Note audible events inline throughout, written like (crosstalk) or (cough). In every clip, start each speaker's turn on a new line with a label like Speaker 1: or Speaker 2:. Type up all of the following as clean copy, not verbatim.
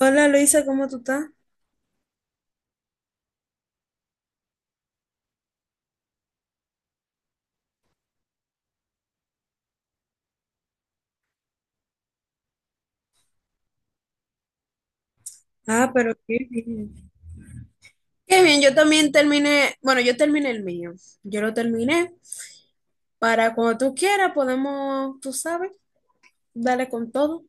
Speaker 1: Hola Luisa, ¿cómo tú estás? Ah, pero qué bien. Qué bien, yo también terminé, bueno, yo terminé el mío, yo lo terminé. Para cuando tú quieras podemos, tú sabes, dale con todo.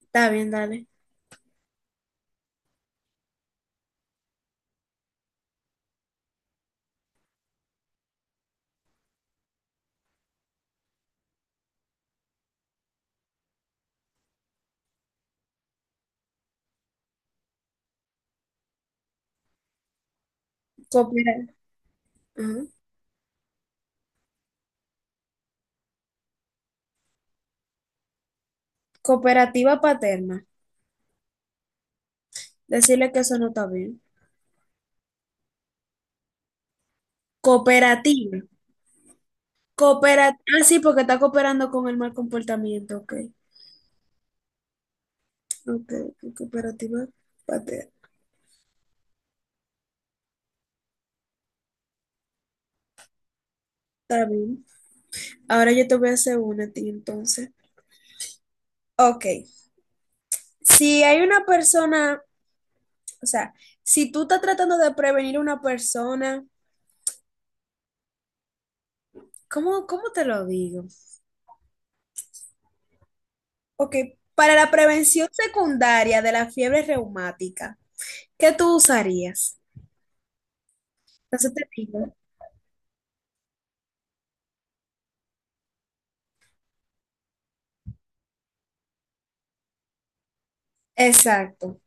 Speaker 1: Está bien, dale. Coopera- ajá. Cooperativa paterna, decirle que eso no está bien. Cooperativa, cooperativa, ah, sí, porque está cooperando con el mal comportamiento, ok. Ok, ok, cooperativa paterna, está bien. Ahora yo te voy a hacer una a ti entonces. Ok. Si hay una persona, o sea, si tú estás tratando de prevenir a una persona, ¿cómo te lo digo? Ok, para la prevención secundaria de la fiebre reumática, ¿qué tú usarías? Entonces te digo. Exacto.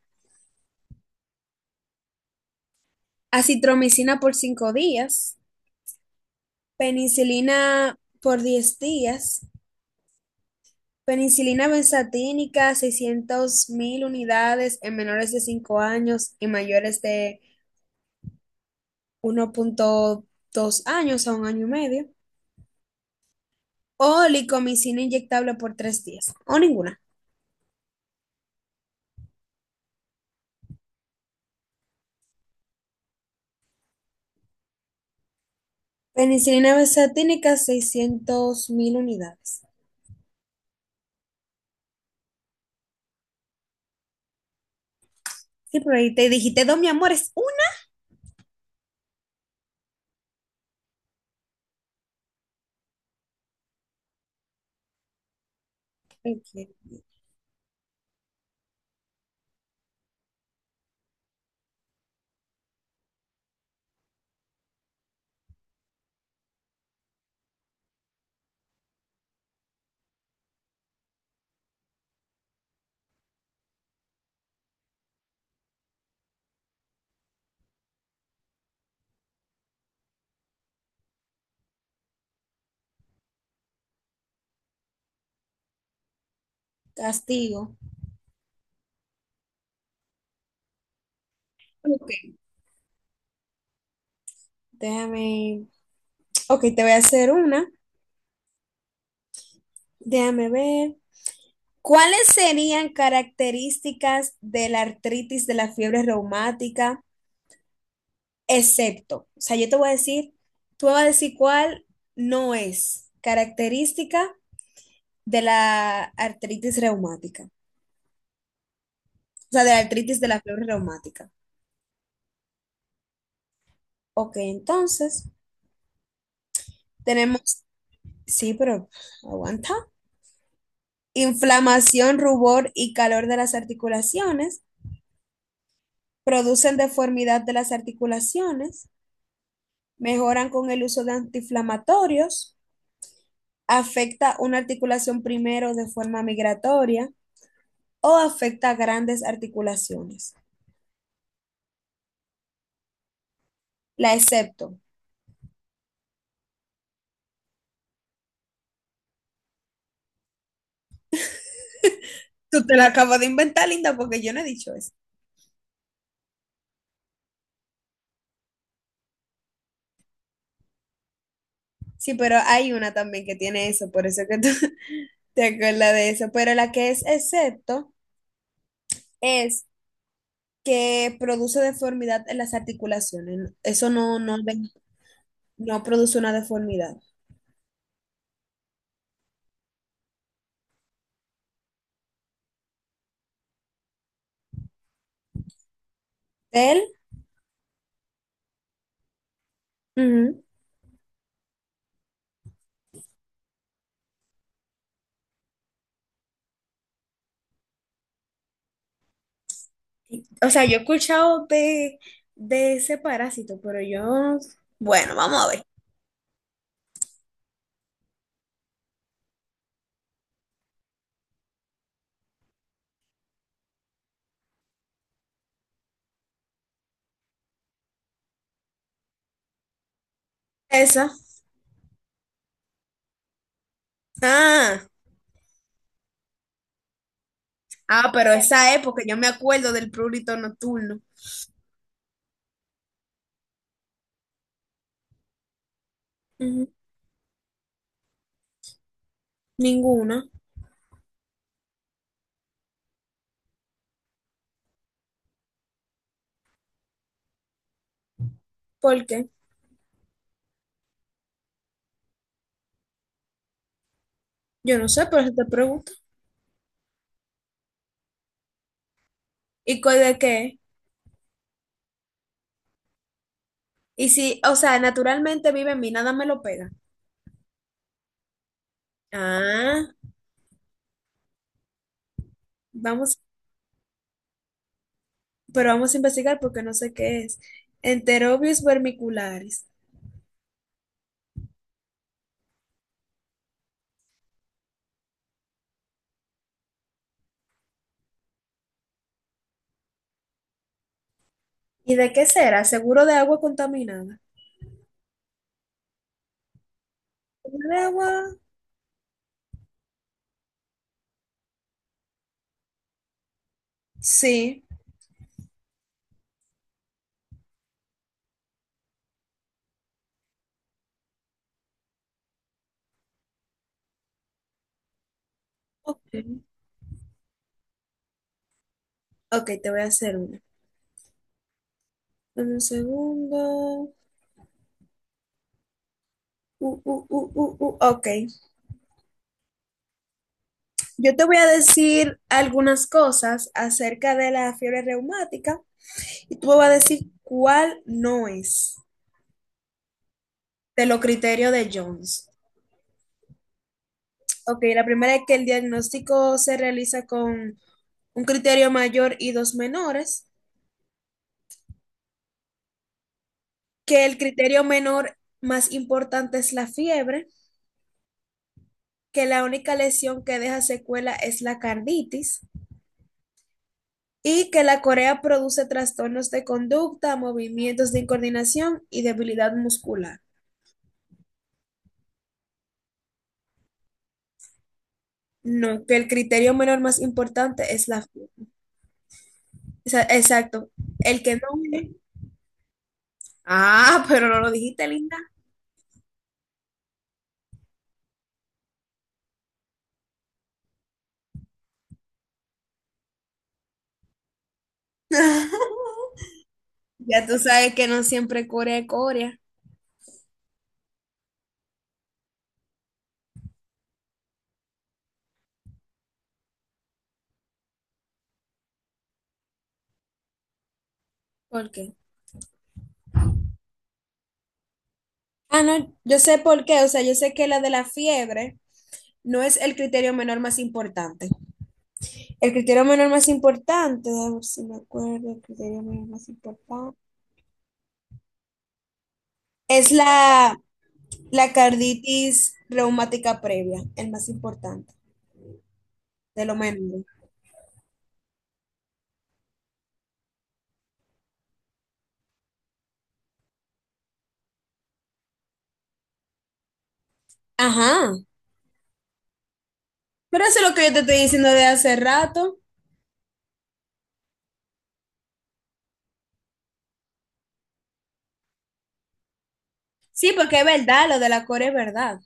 Speaker 1: Acitromicina por 5 días, penicilina por 10 días, penicilina benzatínica 600.000 unidades en menores de 5 años y mayores de 1,2 años a un año y medio. Olicomicina inyectable por 3 días, o ninguna. Penicilina besatínica, 600.000 unidades. Sí, pero ahí te dijiste, dos, mi amor, es una. Ok, castigo. Ok, déjame. Ok, te voy a hacer una. Déjame ver. ¿Cuáles serían características de la artritis de la fiebre reumática, excepto? O sea, yo te voy a decir, tú me vas a decir cuál no es característica de la artritis reumática. O sea, de la artritis de la fiebre reumática. Ok, entonces tenemos, sí, pero aguanta. Inflamación, rubor y calor de las articulaciones. Producen deformidad de las articulaciones. Mejoran con el uso de antiinflamatorios. Afecta una articulación primero de forma migratoria o afecta grandes articulaciones. La excepto. Tú te la acabas de inventar, Linda, porque yo no he dicho eso. Sí, pero hay una también que tiene eso, por eso que tú... ¿Te acuerdas de eso? Pero la que es excepto es que produce deformidad en las articulaciones. Eso no, no, no produce una deformidad. Él, ujú. O sea, yo he escuchado de ese parásito, pero yo, bueno, vamos a ver. Esa. Ah, ah, pero esa es porque yo me acuerdo del prurito nocturno. Ujú. Ninguna. ¿Por qué? Yo no sé, por eso te pregunto. ¿Y cuál de qué? Y si, o sea, naturalmente vive en mí, nada me lo pega. Ah, vamos, pero vamos a investigar porque no sé qué es. Enterobius vermicularis. ¿Y de qué será? Seguro de agua contaminada. ¿De agua? Sí. Ok. Ok, te voy a hacer una. En un segundo. Ok. Yo te voy a decir algunas cosas acerca de la fiebre reumática y tú me vas a decir cuál no es de los criterios de Jones. Ok, la primera es que el diagnóstico se realiza con un criterio mayor y dos menores, que el criterio menor más importante es la fiebre, que la única lesión que deja secuela es la carditis y que la corea produce trastornos de conducta, movimientos de incoordinación y debilidad muscular. No, que el criterio menor más importante es la fiebre. Exacto, el que no... une. Ah, pero no lo dijiste, linda. (laughs) Ya tú sabes que no siempre corea es corea. ¿Por qué? Ah, no, yo sé por qué, o sea, yo sé que la de la fiebre no es el criterio menor más importante. El criterio menor más importante, a ver si me acuerdo, el criterio menor más importante, es la carditis reumática previa, el más importante, de lo menos. Ajá, pero eso es lo que yo te estoy diciendo de hace rato. Sí, porque es verdad, lo de la core es verdad.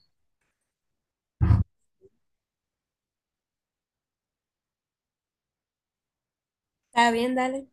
Speaker 1: Está bien, dale.